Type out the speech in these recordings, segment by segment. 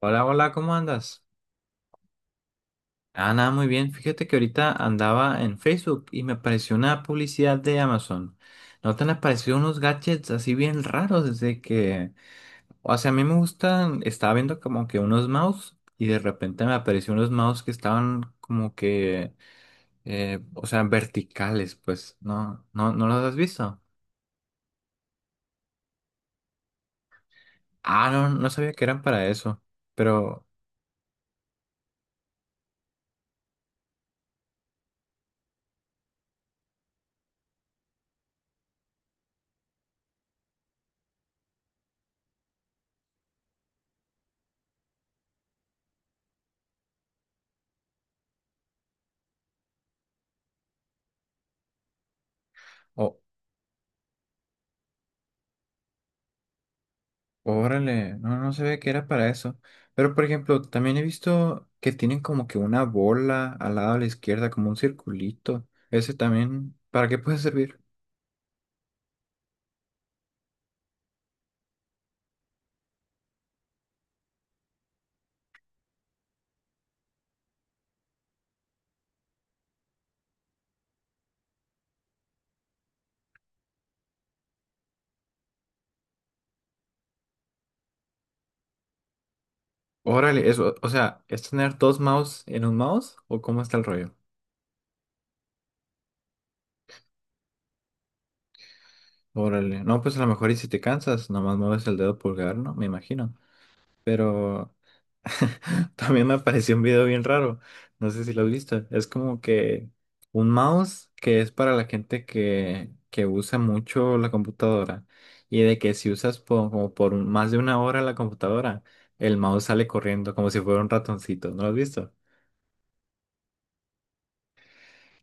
Hola, hola, ¿cómo andas? Ah, nada, muy bien. Fíjate que ahorita andaba en Facebook y me apareció una publicidad de Amazon. ¿No te han aparecido unos gadgets así bien raros desde que... O sea, a mí me gustan, estaba viendo como que unos mouse y de repente me apareció unos mouse que estaban como que, o sea, verticales, pues, ¿no? ¿No, no los has visto? Ah, no, no sabía que eran para eso, pero... O, Órale, no, no se ve que era para eso. Pero, por ejemplo, también he visto que tienen como que una bola al lado a la izquierda, como un circulito. Ese también, ¿para qué puede servir? Órale, eso, o sea, ¿es tener dos mouse en un mouse o cómo está el rollo? Órale, no, pues a lo mejor y si te cansas, nomás mueves el dedo pulgar, ¿no? Me imagino. Pero también me apareció un video bien raro, no sé si lo has visto, es como que un mouse que es para la gente que usa mucho la computadora y de que si usas como por más de una hora la computadora, el mouse sale corriendo como si fuera un ratoncito, ¿no lo has visto?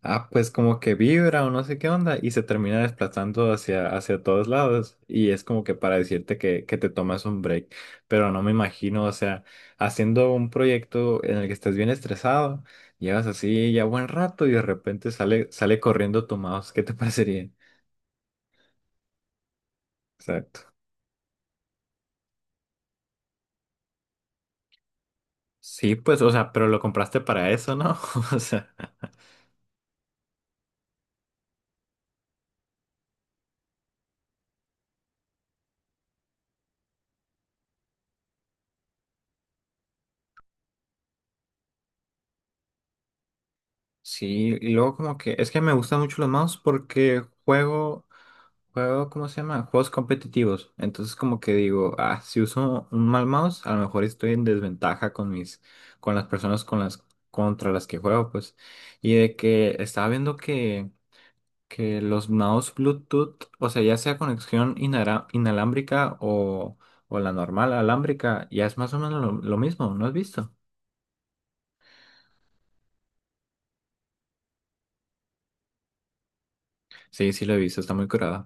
Ah, pues como que vibra o no sé qué onda y se termina desplazando hacia todos lados y es como que para decirte que te tomas un break, pero no me imagino, o sea, haciendo un proyecto en el que estás bien estresado, llevas así ya buen rato y de repente sale, sale corriendo tu mouse, ¿qué te parecería? Exacto. Sí, pues, o sea, pero lo compraste para eso, ¿no? O sea. Sí, y luego como que es que me gustan mucho los mouse porque juego, juego, ¿cómo se llama? Juegos competitivos. Entonces como que digo, ah, si uso un mal mouse, a lo mejor estoy en desventaja con mis, con las personas con las, contra las que juego, pues. Y de que estaba viendo que los mouse Bluetooth, o sea, ya sea conexión inalámbrica o la normal alámbrica, ya es más o menos lo mismo, ¿no has visto? Sí, sí lo he visto, está muy curada.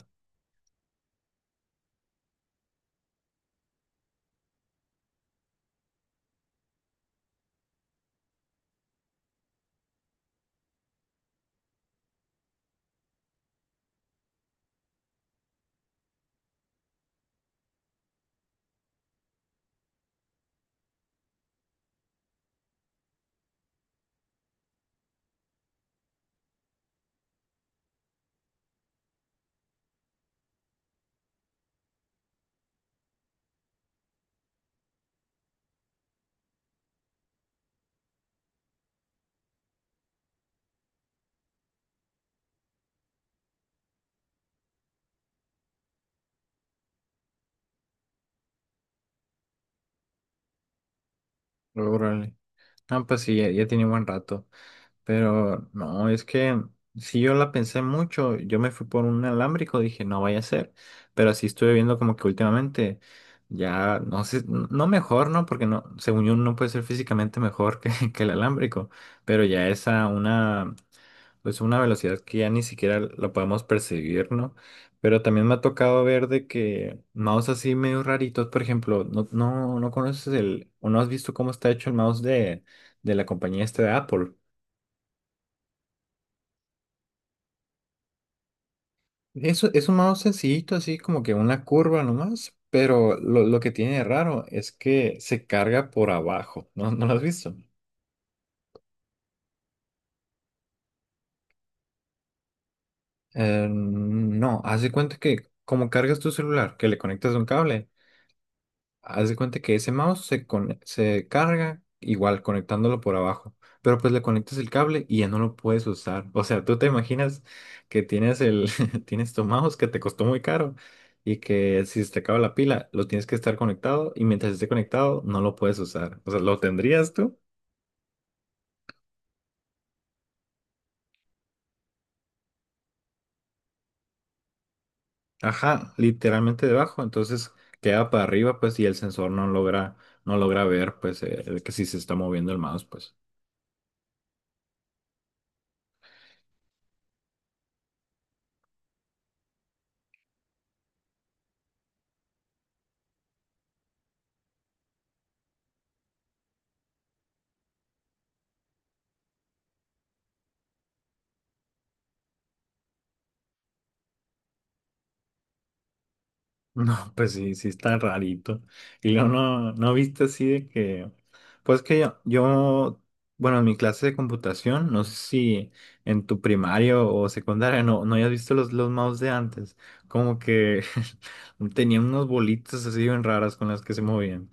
Ah, pues sí, ya, ya tiene buen rato. Pero no, es que si yo la pensé mucho, yo me fui por un alámbrico, dije, no vaya a ser, pero sí estuve viendo como que últimamente ya, no sé, no mejor, ¿no? Porque no, según yo no puede ser físicamente mejor que, que el alámbrico, pero ya es a una, pues una velocidad que ya ni siquiera la podemos percibir, ¿no? Pero también me ha tocado ver de que mouse así medio raritos, por ejemplo, no, no, no conoces el, o no has visto cómo está hecho el mouse de la compañía esta de Apple. Eso es un modo sencillito, así como que una curva nomás, pero lo que tiene de raro es que se carga por abajo, ¿no? ¿No lo has visto? No, haz de cuenta que como cargas tu celular, que le conectas un cable, haz de cuenta que ese mouse se carga igual conectándolo por abajo, pero pues le conectas el cable y ya no lo puedes usar. O sea, tú te imaginas que tienes el tienes tu mouse que te costó muy caro y que si se te acaba la pila, lo tienes que estar conectado y mientras esté conectado no lo puedes usar. O sea, ¿lo tendrías tú? Ajá, literalmente debajo, entonces queda para arriba pues y el sensor no logra ver pues que si se está moviendo el mouse pues. No, pues sí, sí está rarito. Y luego no, no viste así de que, pues que yo, bueno, en mi clase de computación, no sé si en tu primario o secundaria no, no hayas visto los mouse de antes, como que tenían unos bolitas así bien raras con las que se movían.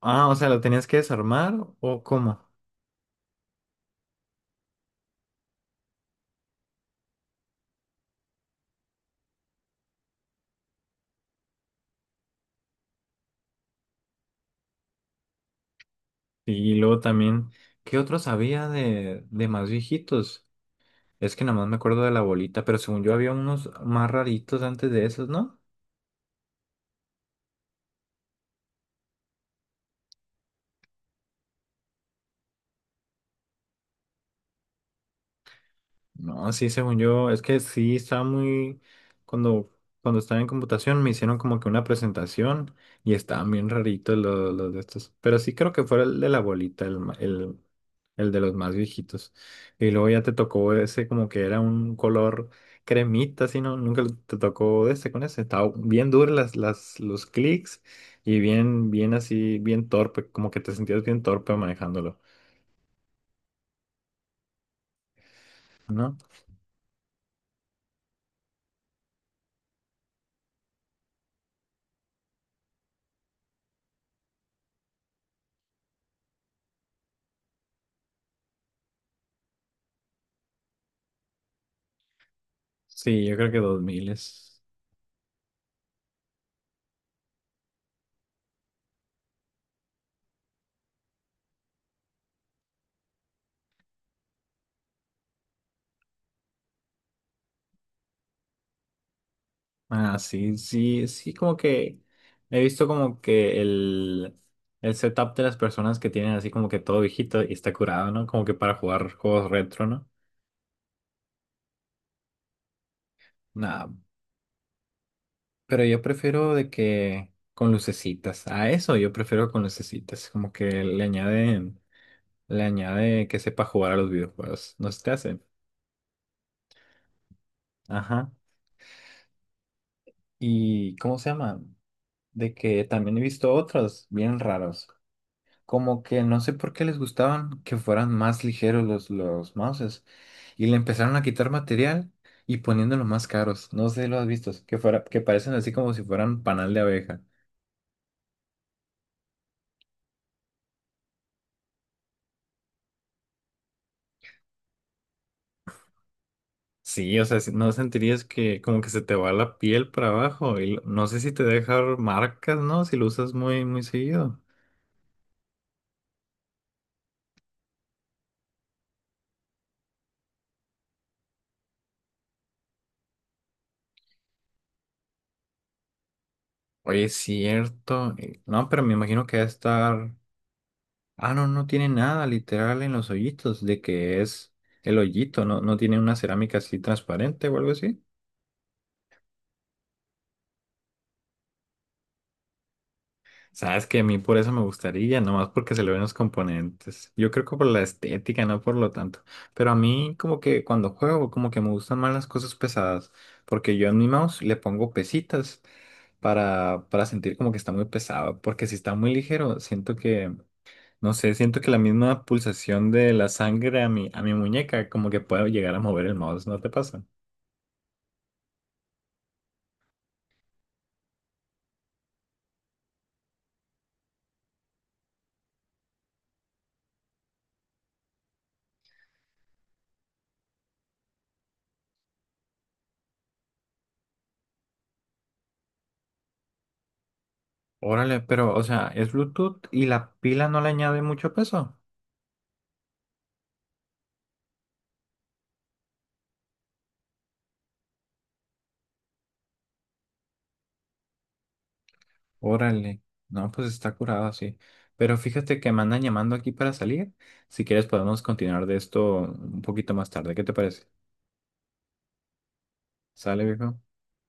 Ah, o sea, ¿lo tenías que desarmar o cómo? Y luego también, ¿qué otros había de más viejitos? Es que nada más me acuerdo de la bolita, pero según yo había unos más raritos antes de esos, ¿no? No, sí, según yo, es que sí estaba muy, cuando, cuando estaba en computación me hicieron como que una presentación y estaban bien raritos los de estos, pero sí creo que fue el de la bolita, el de los más viejitos. Y luego ya te tocó ese como que era un color cremita, así, ¿no? Nunca te tocó de este con ese, estaba bien duro los clics y bien, bien así, bien torpe, como que te sentías bien torpe manejándolo, ¿no? Sí, yo creo que 2000 es. Ah, sí, sí, sí, como que he visto como que el setup de las personas que tienen así como que todo viejito y está curado, ¿no? Como que para jugar juegos retro, ¿no? Nah, pero yo prefiero de que con lucecitas. A eso yo prefiero con lucecitas. Como que le añade que sepa jugar a los videojuegos. No se te hace. Ajá. ¿Y cómo se llama? De que también he visto otros bien raros. Como que no sé por qué les gustaban que fueran más ligeros los mouses y le empezaron a quitar material y poniéndolos más caros. No sé si lo has visto, que parecen así como si fueran panal de abeja. Sí, o sea, no sentirías que como que se te va la piel para abajo y no sé si te deja marcas, ¿no? Si lo usas muy, muy seguido. Oye, es cierto. No, pero me imagino que va a estar... Ah, no, no tiene nada literal en los hoyitos de que es el hoyito, no, no tiene una cerámica así transparente o algo así. Sabes que a mí por eso me gustaría, nomás porque se le ven los componentes. Yo creo que por la estética, no por lo tanto. Pero a mí como que cuando juego, como que me gustan más las cosas pesadas, porque yo en mi mouse le pongo pesitas para sentir como que está muy pesado, porque si está muy ligero, siento que, no sé, siento que la misma pulsación de la sangre a mi muñeca como que puedo llegar a mover el mouse, ¿no te pasa? Órale, pero o sea, es Bluetooth y la pila no le añade mucho peso. Órale, no, pues está curado, sí. Pero fíjate que me andan llamando aquí para salir. Si quieres podemos continuar de esto un poquito más tarde. ¿Qué te parece? ¿Sale, viejo?